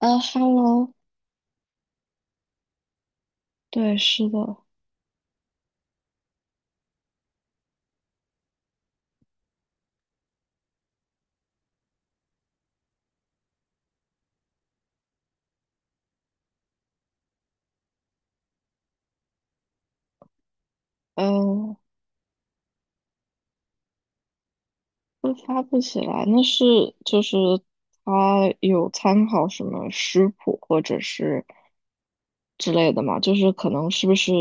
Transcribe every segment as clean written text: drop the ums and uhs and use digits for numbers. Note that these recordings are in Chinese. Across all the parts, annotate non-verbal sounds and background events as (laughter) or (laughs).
Hello。对，是的。呃，会发不起来，就是他有参考什么食谱或者是之类的嘛，就是可能是不是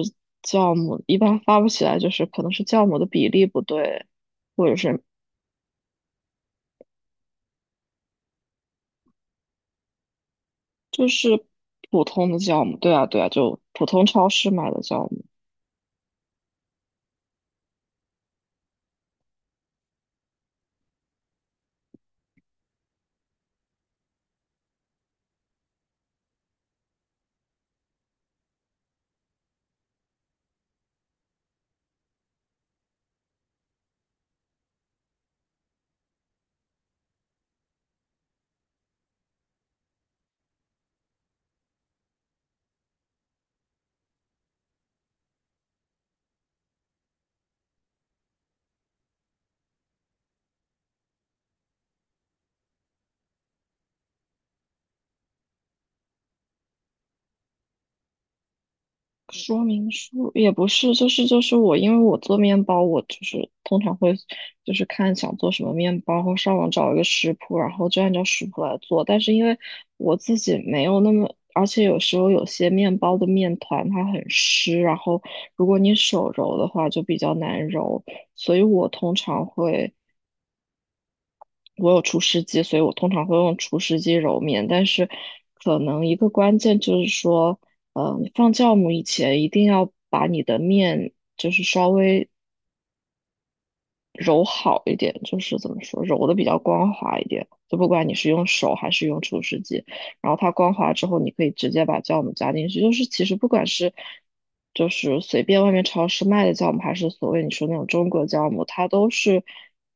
酵母一般发不起来，就是可能是酵母的比例不对，或者是就是普通的酵母。对啊对啊，就普通超市买的酵母。说明书也不是，就是我。因为我做面包，我就是通常会就是看想做什么面包，然后上网找一个食谱，然后就按照食谱来做。但是因为我自己没有那么，而且有时候有些面包的面团它很湿，然后如果你手揉的话就比较难揉，所以我通常会。我有除湿机，所以我通常会用除湿机揉面。但是，可能一个关键就是说，你放酵母以前一定要把你的面就是稍微揉好一点，就是怎么说，揉的比较光滑一点。就不管你是用手还是用厨师机，然后它光滑之后，你可以直接把酵母加进去。就是其实不管是就是随便外面超市卖的酵母，还是所谓你说那种中国酵母，它都是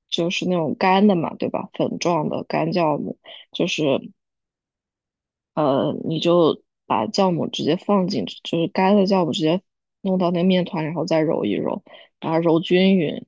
就是那种干的嘛，对吧？粉状的干酵母，就是你就把酵母直接放进去，就是干的酵母直接弄到那个面团，然后再揉一揉，把它揉均匀。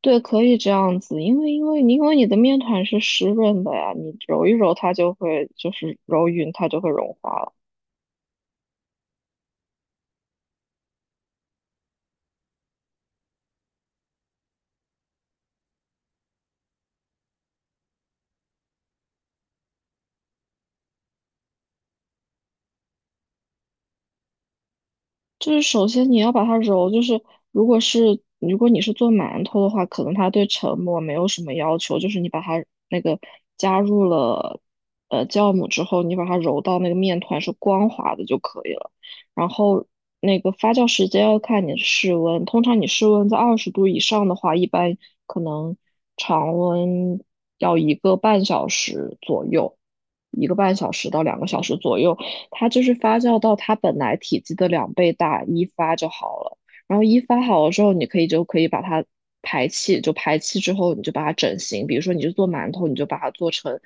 对，可以这样子，因为你的面团是湿润的呀，你揉一揉它就会就是揉匀，它就会融化了。就是首先你要把它揉，就是如果你是做馒头的话，可能它对成膜没有什么要求，就是你把它那个加入了酵母之后，你把它揉到那个面团是光滑的就可以了。然后那个发酵时间要看你的室温，通常你室温在20度以上的话，一般可能常温要一个半小时左右，一个半小时到2个小时左右。它就是发酵到它本来体积的两倍大，一发就好了。然后一发好了之后，你可以就可以把它排气，就排气之后你就把它整形，比如说你就做馒头，你就把它做成，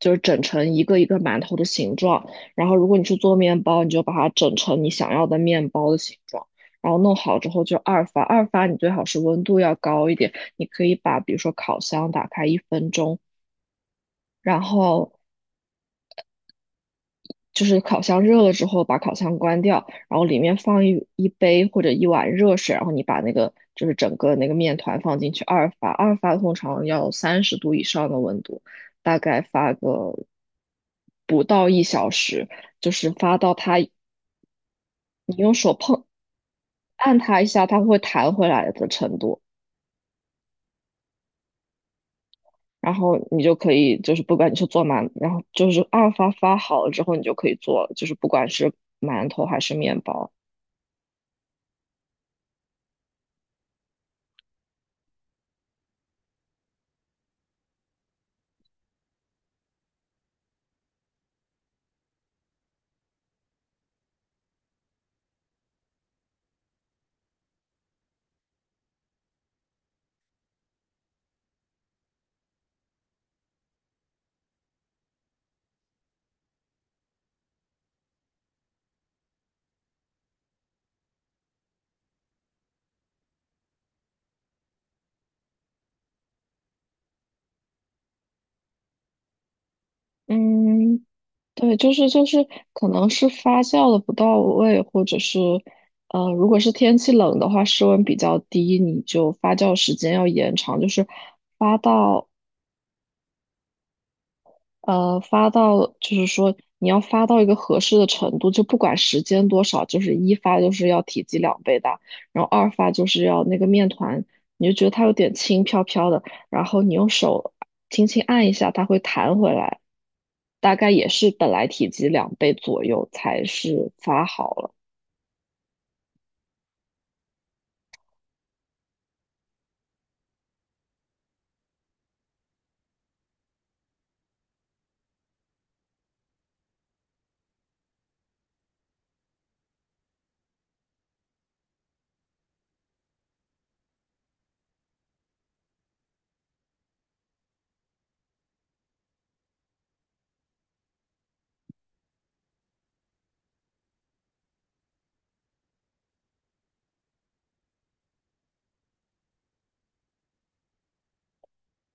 就是整成一个一个馒头的形状。然后如果你是做面包，你就把它整成你想要的面包的形状。然后弄好之后就二发，二发你最好是温度要高一点，你可以把比如说烤箱打开1分钟，然后就是烤箱热了之后，把烤箱关掉，然后里面放一杯或者一碗热水，然后你把那个就是整个那个面团放进去二发，二发通常要30度以上的温度，大概发个不到1小时，就是发到它你用手碰按它一下，它会弹回来的程度。然后你就可以，就是不管你是做馒，然后就是二发发好了之后，你就可以做，就是不管是馒头还是面包。嗯，对，可能是发酵的不到位，或者是，如果是天气冷的话，室温比较低，你就发酵时间要延长，就是发到发到，就是说你要发到一个合适的程度，就不管时间多少，就是一发就是要体积两倍大，然后二发就是要那个面团，你就觉得它有点轻飘飘的，然后你用手轻轻按一下，它会弹回来。大概也是本来体积两倍左右才是发好了。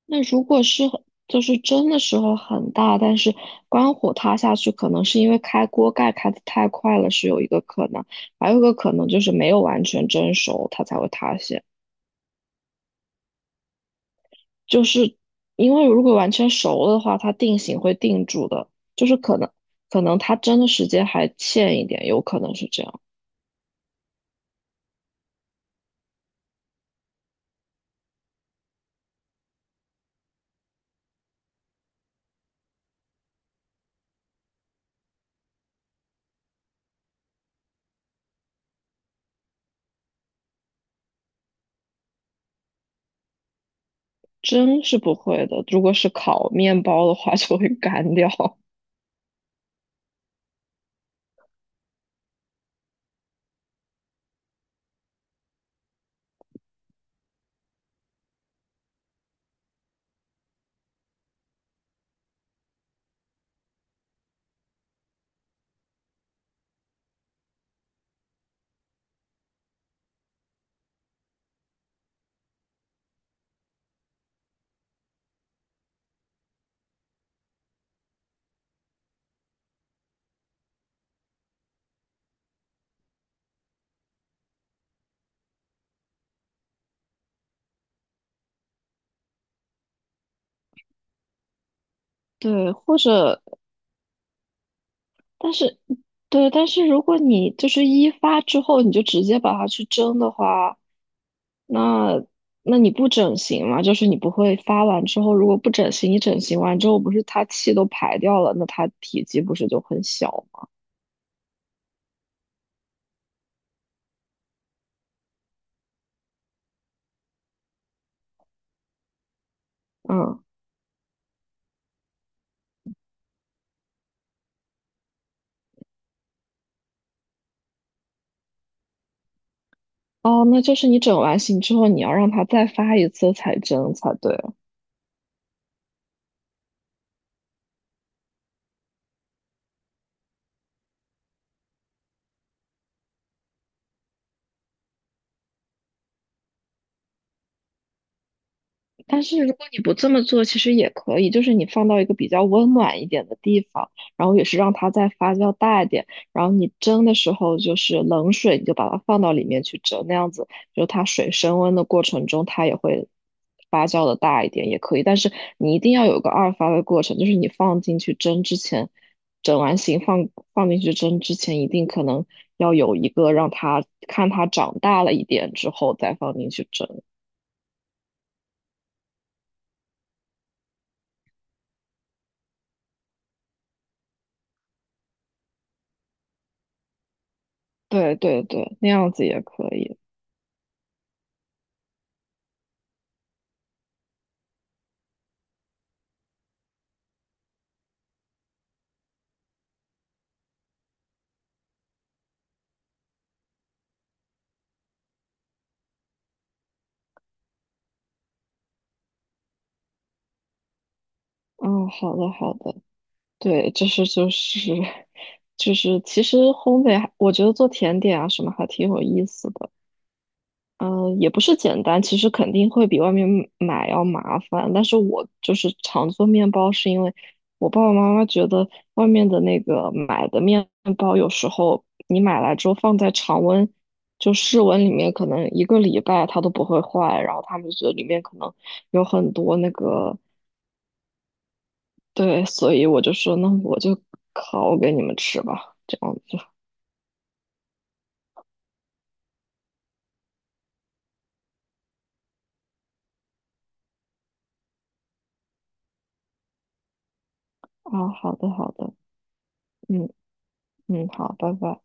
那如果是很就是蒸的时候很大，但是关火塌下去，可能是因为开锅盖开的太快了，是有一个可能，还有一个可能就是没有完全蒸熟，它才会塌陷。就是因为如果完全熟了的话，它定型会定住的，就是可能它蒸的时间还欠一点，有可能是这样。蒸是不会的，如果是烤面包的话就会 (laughs) 干掉。对，或者，但是，对，但是如果你就是一发之后你就直接把它去蒸的话，那你不整形嘛？就是你不会发完之后，如果不整形，你整形完之后不是它气都排掉了，那它体积不是就很小吗？嗯，哦，那就是你整完形之后，你要让它再发一次才蒸才对。但是如果你不这么做，其实也可以，就是你放到一个比较温暖一点的地方，然后也是让它再发酵大一点，然后你蒸的时候就是冷水，你就把它放到里面去蒸，那样子就它水升温的过程中，它也会发酵的大一点，也可以。但是你一定要有个二发的过程，就是你放进去蒸之前，整完形放进去蒸之前，一定可能要有一个让它看它长大了一点之后再放进去蒸。对对对，那样子也可以。嗯，好的好的。对，就是 (laughs) 就是，其实烘焙还，我觉得做甜点啊什么还挺有意思的。嗯，也不是简单，其实肯定会比外面买要麻烦。但是我就是常做面包，是因为我爸爸妈妈觉得外面的那个买的面包，有时候你买来之后放在常温，就室温里面，可能一个礼拜它都不会坏。然后他们觉得里面可能有很多那个对，所以我就说，那我就烤给你们吃吧，这样子。啊，好的，好的。嗯嗯，好，拜拜。